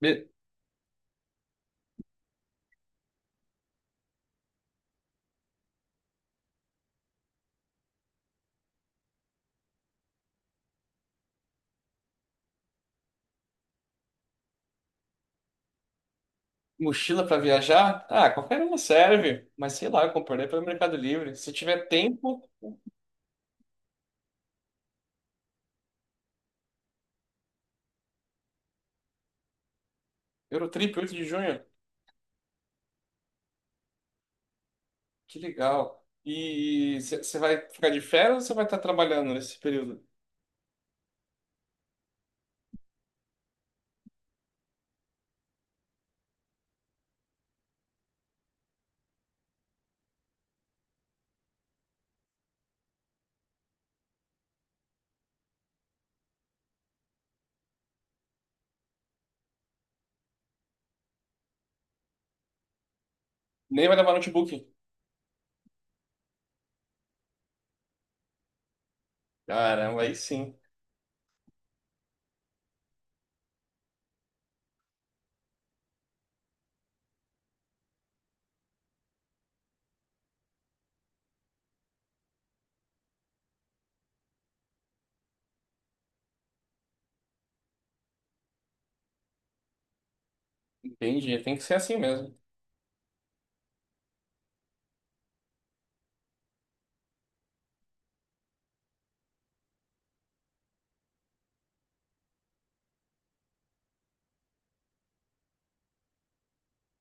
Me- Mochila para viajar? Ah, qualquer uma serve. Mas sei lá, eu comprei pelo Mercado Livre. Se tiver tempo, Eurotrip 8 de junho. Que legal. E você vai ficar de férias ou você vai estar trabalhando nesse período? Nem vai levar notebook. Caramba, aí sim. Entendi. Tem que ser assim mesmo.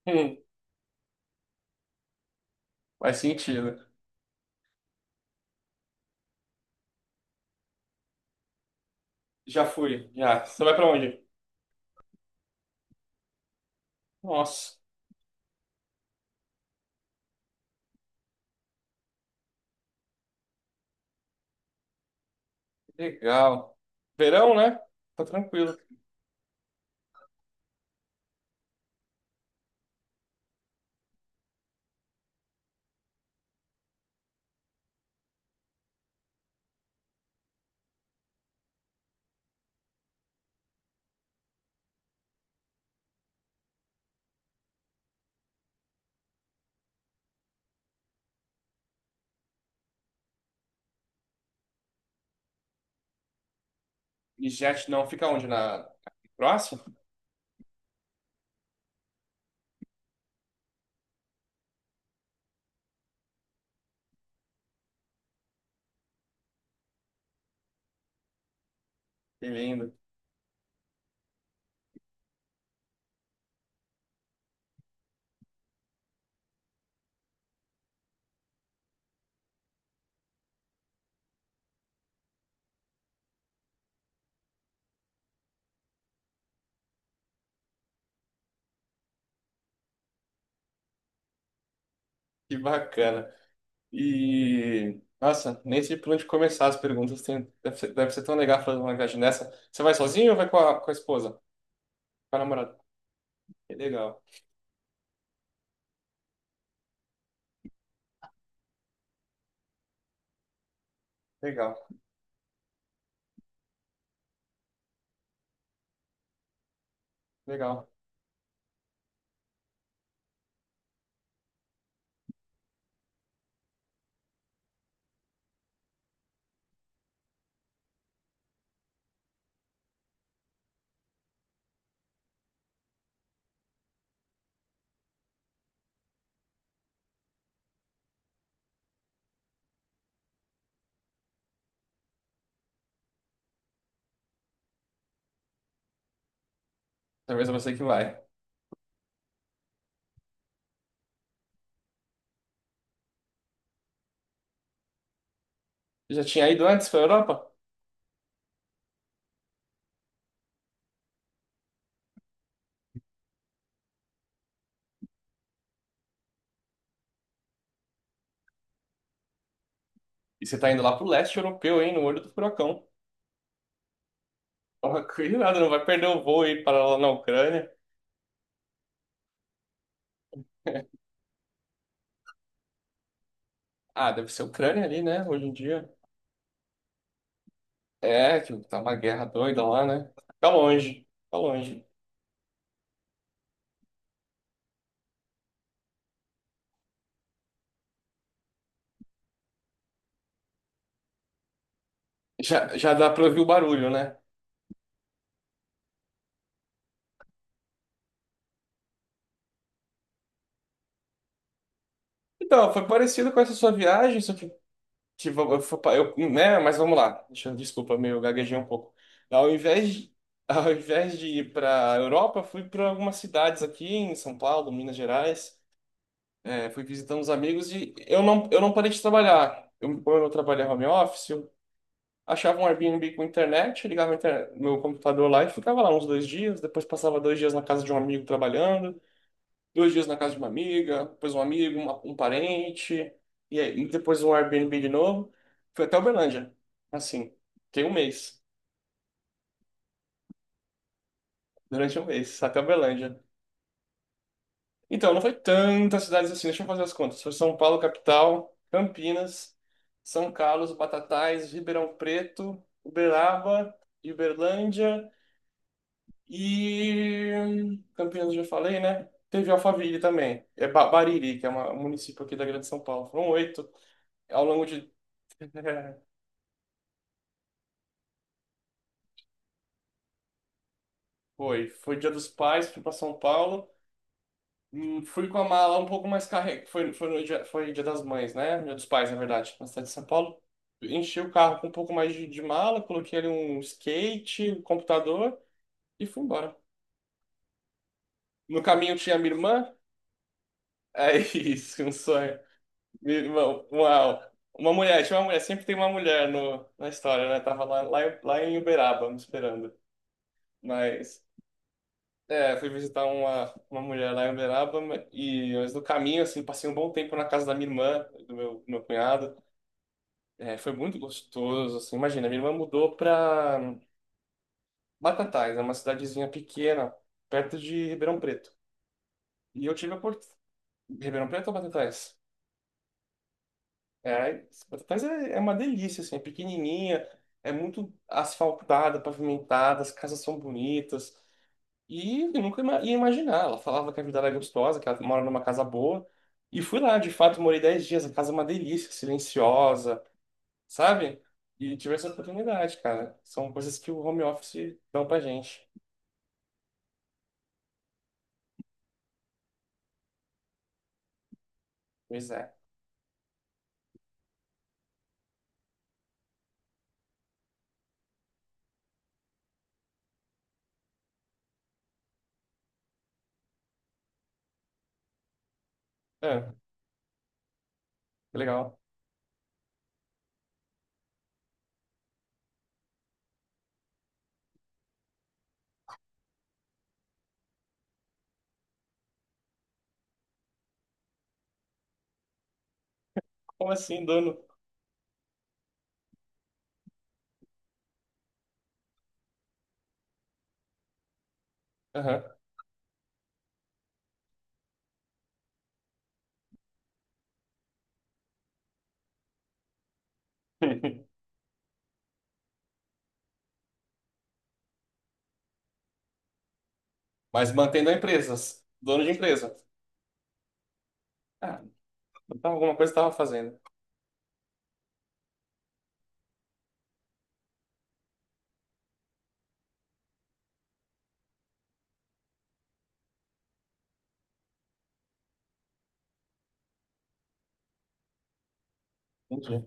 Hum, faz sentido. Já fui, já. Você vai para onde? Nossa, que legal. Verão, né? Tá tranquilo. E jet não fica onde? Na Croácia? Que lindo. Que bacana. E, nossa, nem sei por onde começar as perguntas. Tem, deve ser tão legal fazer uma viagem dessa. Você vai sozinho ou vai com a esposa? Com a namorada? Que legal, legal, legal. Talvez é você que vai. Você já tinha ido antes para Europa? E você tá indo lá pro leste europeu, hein? No olho do furacão. Toma cuidado, não vai perder o voo e ir para lá na Ucrânia. Ah, deve ser Ucrânia ali, né? Hoje em dia. É, que tá uma guerra doida lá, né? Tá longe, tá longe. Já, já dá pra ouvir o barulho, né? Então, foi parecido com essa sua viagem, só que tipo, eu, fui eu, né, mas vamos lá. Deixa eu- Desculpa, meio gaguejei um pouco. Ao invés de, ao invés de ir para a Europa, fui para algumas cidades aqui em São Paulo, Minas Gerais. É, fui visitando os amigos e eu não parei de trabalhar. Eu, como eu trabalhava home office, eu achava um Airbnb com internet, ligava a inter- meu computador lá e ficava lá uns dois dias. Depois passava dois dias na casa de um amigo trabalhando dois dias na casa de uma amiga, depois um amigo, uma- um parente, e aí depois um Airbnb de novo. Fui até Uberlândia. Assim, tem um mês. Durante um mês, até Uberlândia. Então, não foi tantas cidades assim, deixa eu fazer as contas. Foi São Paulo, capital, Campinas, São Carlos, Batatais, Ribeirão Preto, Uberaba, Uberlândia e Campinas eu já falei, né? Teve Alphaville também. É Ba- Bariri, que é uma- um município aqui da Grande São Paulo. Foram oito ao longo de é, foi, foi Dia dos Pais, fui para São Paulo. Fui com a mala um pouco mais carregada. Foi, foi, no dia, foi Dia das Mães, né? Dia dos Pais, na verdade, na cidade de São Paulo. Enchi o carro com um pouco mais de mala, coloquei ali um skate, um computador e fui embora. No caminho tinha minha irmã. É isso, um sonho. Minha irmã, uma mulher, tinha uma mulher, sempre tem uma mulher no, na história, né? Tava lá, lá em Uberaba me esperando. Mas é, fui visitar uma mulher lá em Uberaba ma- e mas no caminho, assim, passei um bom tempo na casa da minha irmã, do meu cunhado. É, foi muito gostoso, assim, imagina, minha irmã mudou pra Batatais, é uma cidadezinha pequena, perto de Ribeirão Preto. E eu tive a oportunidade... Ribeirão Preto ou Batatais? É, Batatais é, é uma delícia, assim, é pequenininha, é muito asfaltada, pavimentada, as casas são bonitas, e eu nunca ima- ia imaginar. Ela falava que a vida era gostosa, que ela mora numa casa boa. E fui lá, de fato, morei 10 dias. A casa é uma delícia, silenciosa, sabe? E tive essa oportunidade, cara. São coisas que o home office dão pra gente. Pois é. Ah, legal. Como assim, dono? Aham. Mas mantendo a empresa, dono de empresa. Ah, então alguma coisa estava fazendo. Entendi.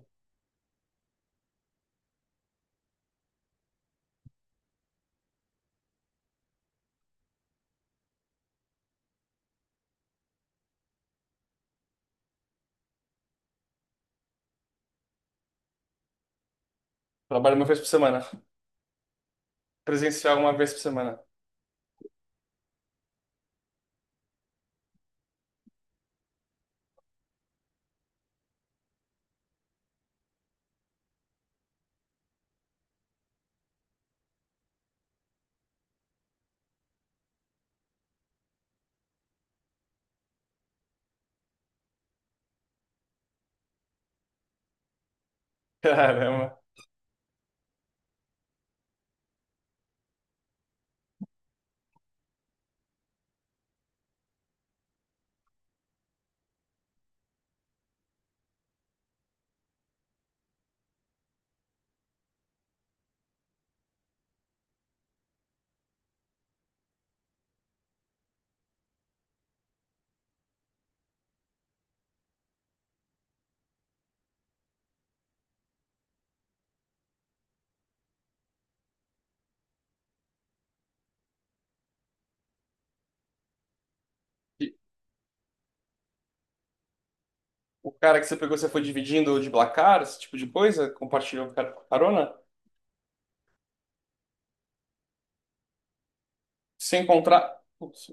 Trabalho uma vez por semana. Presencial uma vez por semana. Caramba. O cara que você pegou, você foi dividindo de Blacar, esse tipo de coisa? Compartilhou car- carona? Se encontrar. Putz,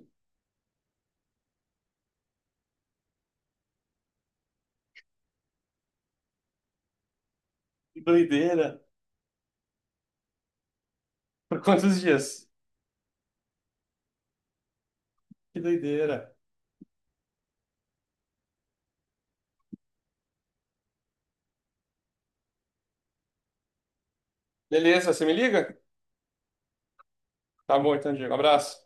que doideira. Por quantos dias? Que doideira. Beleza, você me liga? Tá bom então, Diego. Abraço.